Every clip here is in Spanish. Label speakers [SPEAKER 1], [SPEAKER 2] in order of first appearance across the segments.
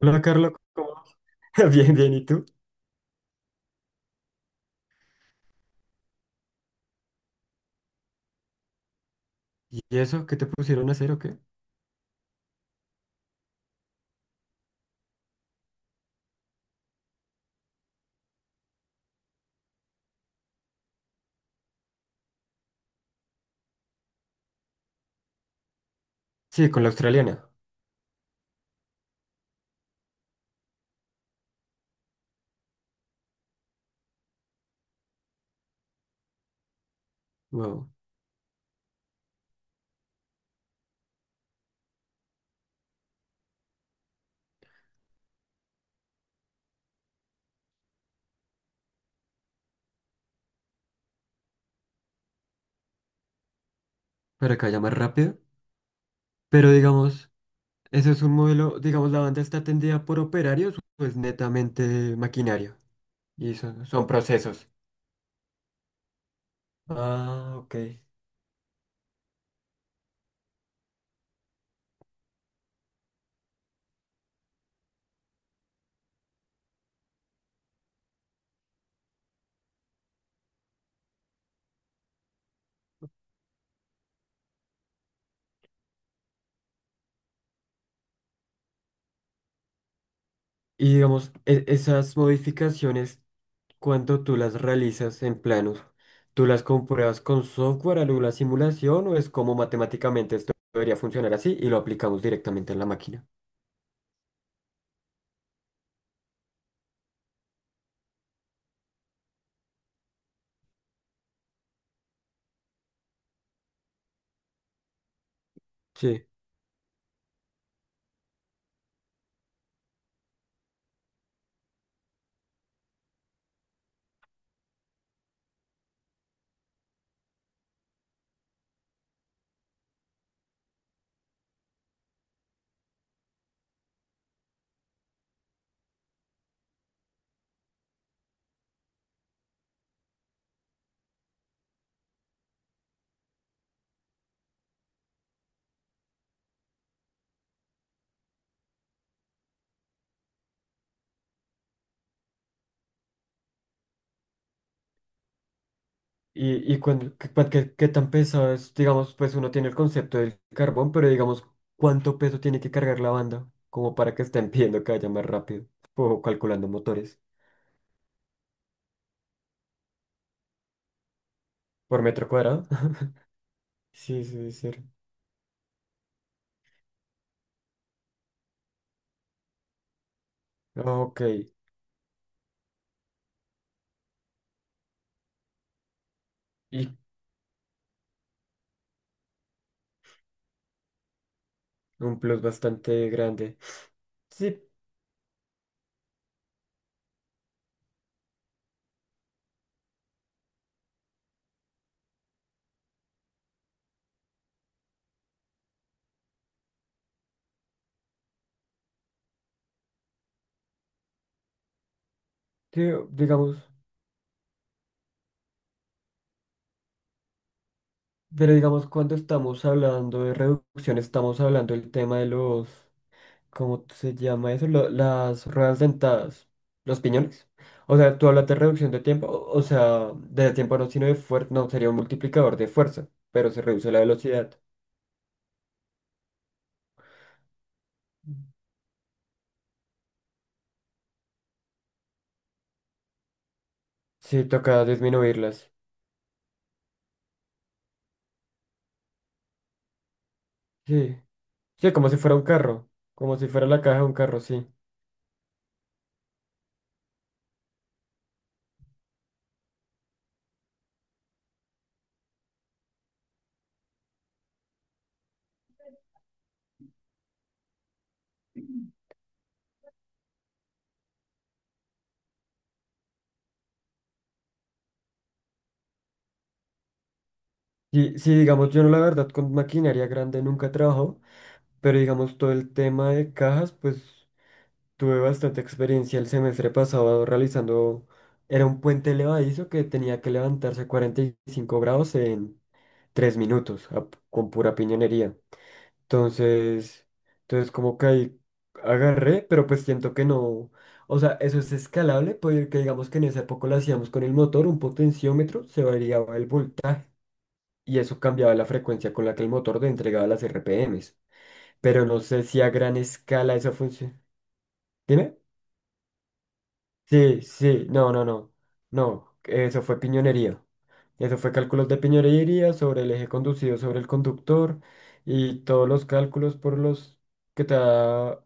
[SPEAKER 1] Hola, Carlos, ¿cómo vas? Bien, bien, ¿y tú? ¿Y eso? ¿Qué te pusieron a hacer o qué? Sí, con la australiana. Wow, para que vaya más rápido. Pero digamos, eso es un modelo, digamos, la banda está atendida por operarios, pues netamente maquinaria. Y son procesos. Ah, ok. Y digamos, esas modificaciones, cuando tú las realizas en planos, ¿tú las compruebas con software, alguna simulación o es como matemáticamente esto debería funcionar así y lo aplicamos directamente en la máquina? Sí. Y qué tan pesado es, digamos, pues uno tiene el concepto del carbón, pero digamos, ¿cuánto peso tiene que cargar la banda? Como para que estén pidiendo que vaya más rápido, o calculando motores por metro cuadrado. Sí, sí, debe ser. Ah, ok, y un plus bastante grande. Sí, tío, digamos, pero digamos, cuando estamos hablando de reducción, estamos hablando del tema de los. ¿Cómo se llama eso? Las ruedas dentadas, los piñones. O sea, tú hablas de reducción de tiempo, o sea, de tiempo no, sino de fuerza, no, sería un multiplicador de fuerza, pero se reduce la velocidad. Sí, toca disminuirlas. Sí, sí, como si fuera un carro, como si fuera la caja de un carro, sí. Y sí, digamos, yo no la verdad con maquinaria grande nunca trabajo, pero digamos todo el tema de cajas, pues tuve bastante experiencia el semestre pasado realizando. Era un puente elevadizo que tenía que levantarse 45 grados en 3 minutos con pura piñonería. Entonces, entonces como que ahí agarré, pero pues siento que no, o sea, eso es escalable porque digamos que en esa época lo hacíamos con el motor, un potenciómetro, se variaba el voltaje y eso cambiaba la frecuencia con la que el motor te entregaba las RPMs. Pero no sé si a gran escala esa función. Sí, sí, no, no, no, no, eso fue piñonería. Eso fue cálculos de piñonería sobre el eje conducido sobre el conductor y todos los cálculos por los que te da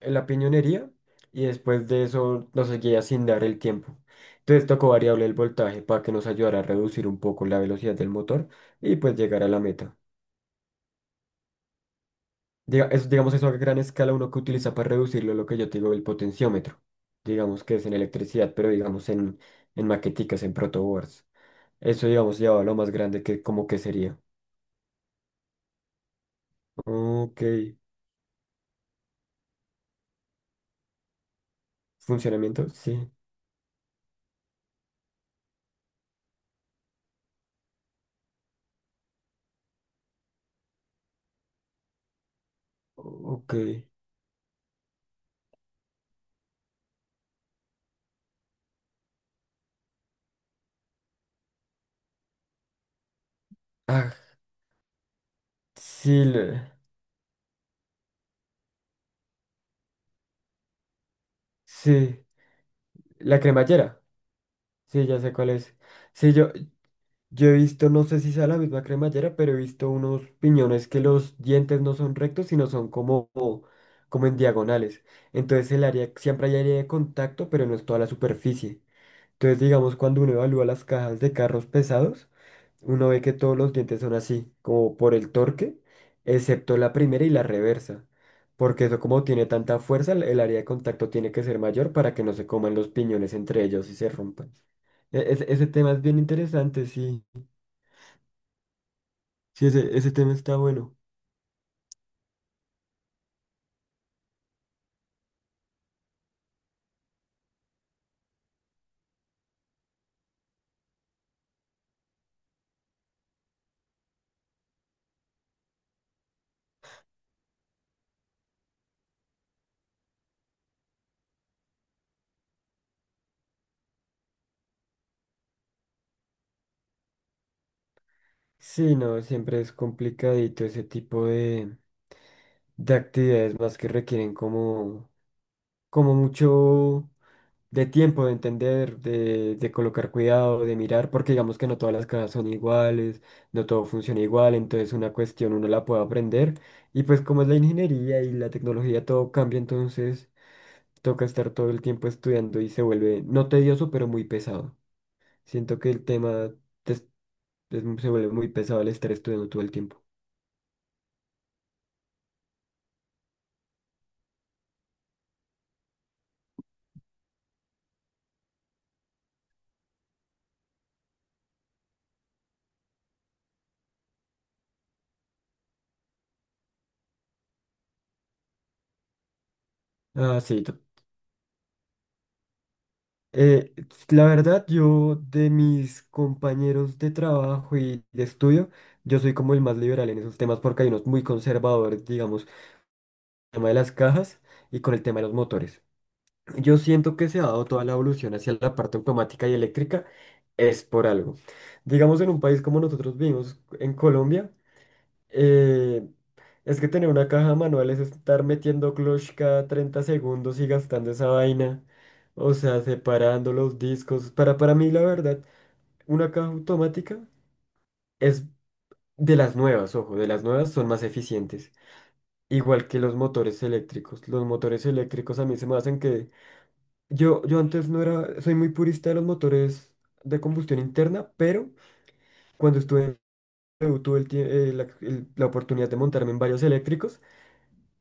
[SPEAKER 1] la piñonería y después de eso nos seguía sin dar el tiempo. Entonces tocó variable el voltaje para que nos ayudara a reducir un poco la velocidad del motor y pues llegar a la meta. Diga- es, digamos eso a gran escala uno que utiliza para reducirlo, lo que yo te digo, el potenciómetro. Digamos que es en electricidad, pero digamos en, maqueticas, en protoboards. Eso, digamos, llevado a lo más grande que como que sería. Ok. ¿Funcionamiento? Sí. Ok. Ah, sí, sí. La cremallera. Sí, ya sé cuál es. Sí, yo he visto, no sé si sea la misma cremallera, pero he visto unos piñones que los dientes no son rectos, sino son como, como en diagonales. Entonces el área, siempre hay área de contacto, pero no es toda la superficie. Entonces, digamos, cuando uno evalúa las cajas de carros pesados, uno ve que todos los dientes son así, como por el torque, excepto la primera y la reversa. Porque eso como tiene tanta fuerza, el área de contacto tiene que ser mayor para que no se coman los piñones entre ellos y se rompan. Ese tema es bien interesante, sí. Sí, ese tema está bueno. Sí, no, siempre es complicadito ese tipo de actividades más que requieren como, como mucho de tiempo, de entender, de colocar cuidado, de mirar, porque digamos que no todas las casas son iguales, no todo funciona igual, entonces una cuestión uno la puede aprender y pues como es la ingeniería y la tecnología todo cambia, entonces toca estar todo el tiempo estudiando y se vuelve no tedioso, pero muy pesado. Siento que el tema te es- se vuelve muy pesado el estar estudiando todo el tiempo. Ah, sí. Eh, la verdad, yo de mis compañeros de trabajo y de estudio, yo soy como el más liberal en esos temas porque hay unos muy conservadores, digamos, con el tema de las cajas y con el tema de los motores. Yo siento que se ha dado toda la evolución hacia la parte automática y eléctrica es por algo. Digamos, en un país como nosotros vivimos, en Colombia, Eh, es que tener una caja manual es estar metiendo clutch cada 30 segundos y gastando esa vaina. O sea, separando los discos. Para mí, la verdad, una caja automática es de las nuevas, ojo, de las nuevas son más eficientes. Igual que los motores eléctricos. Los motores eléctricos a mí se me hacen que... Yo antes no era... Soy muy purista de los motores de combustión interna, pero cuando estuve en... PRO, tuve el tie- la el- la oportunidad de montarme en varios eléctricos.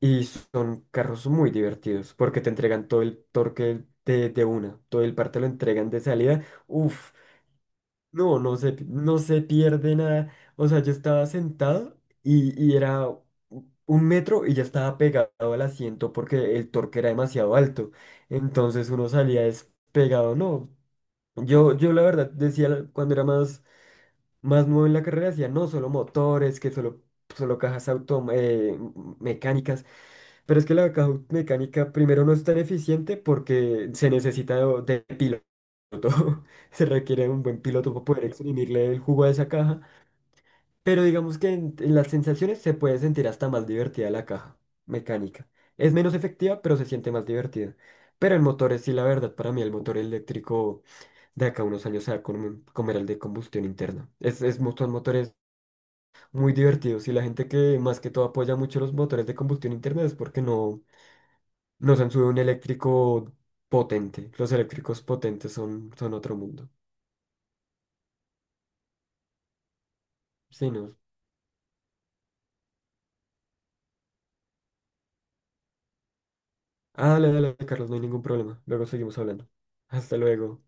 [SPEAKER 1] Y son carros muy divertidos porque te entregan todo el torque de una, todo el par te lo entregan de salida. Uf, no, no no se pierde nada. O sea, yo estaba sentado y era un metro y ya estaba pegado al asiento porque el torque era demasiado alto. Entonces uno salía despegado, no. Yo la verdad decía cuando era más nuevo en la carrera, decía, no, solo motores, que solo, solo cajas autom mecánicas. Pero es que la caja mecánica primero no es tan eficiente porque se necesita de piloto. Se requiere un buen piloto para poder exprimirle el jugo a esa caja. Pero digamos que en las sensaciones se puede sentir hasta más divertida la caja mecánica. Es menos efectiva, pero se siente más divertida. Pero el motor es sí, la verdad, para mí el motor eléctrico de acá a unos años se va a comer al de combustión interna. Son motores muy divertidos y la gente que más que todo apoya mucho los motores de combustión interna es porque no nos han subido un eléctrico potente. Los eléctricos potentes son, son otro mundo. Sí, no. Ah, dale, dale, Carlos, no hay ningún problema. Luego seguimos hablando. Hasta luego.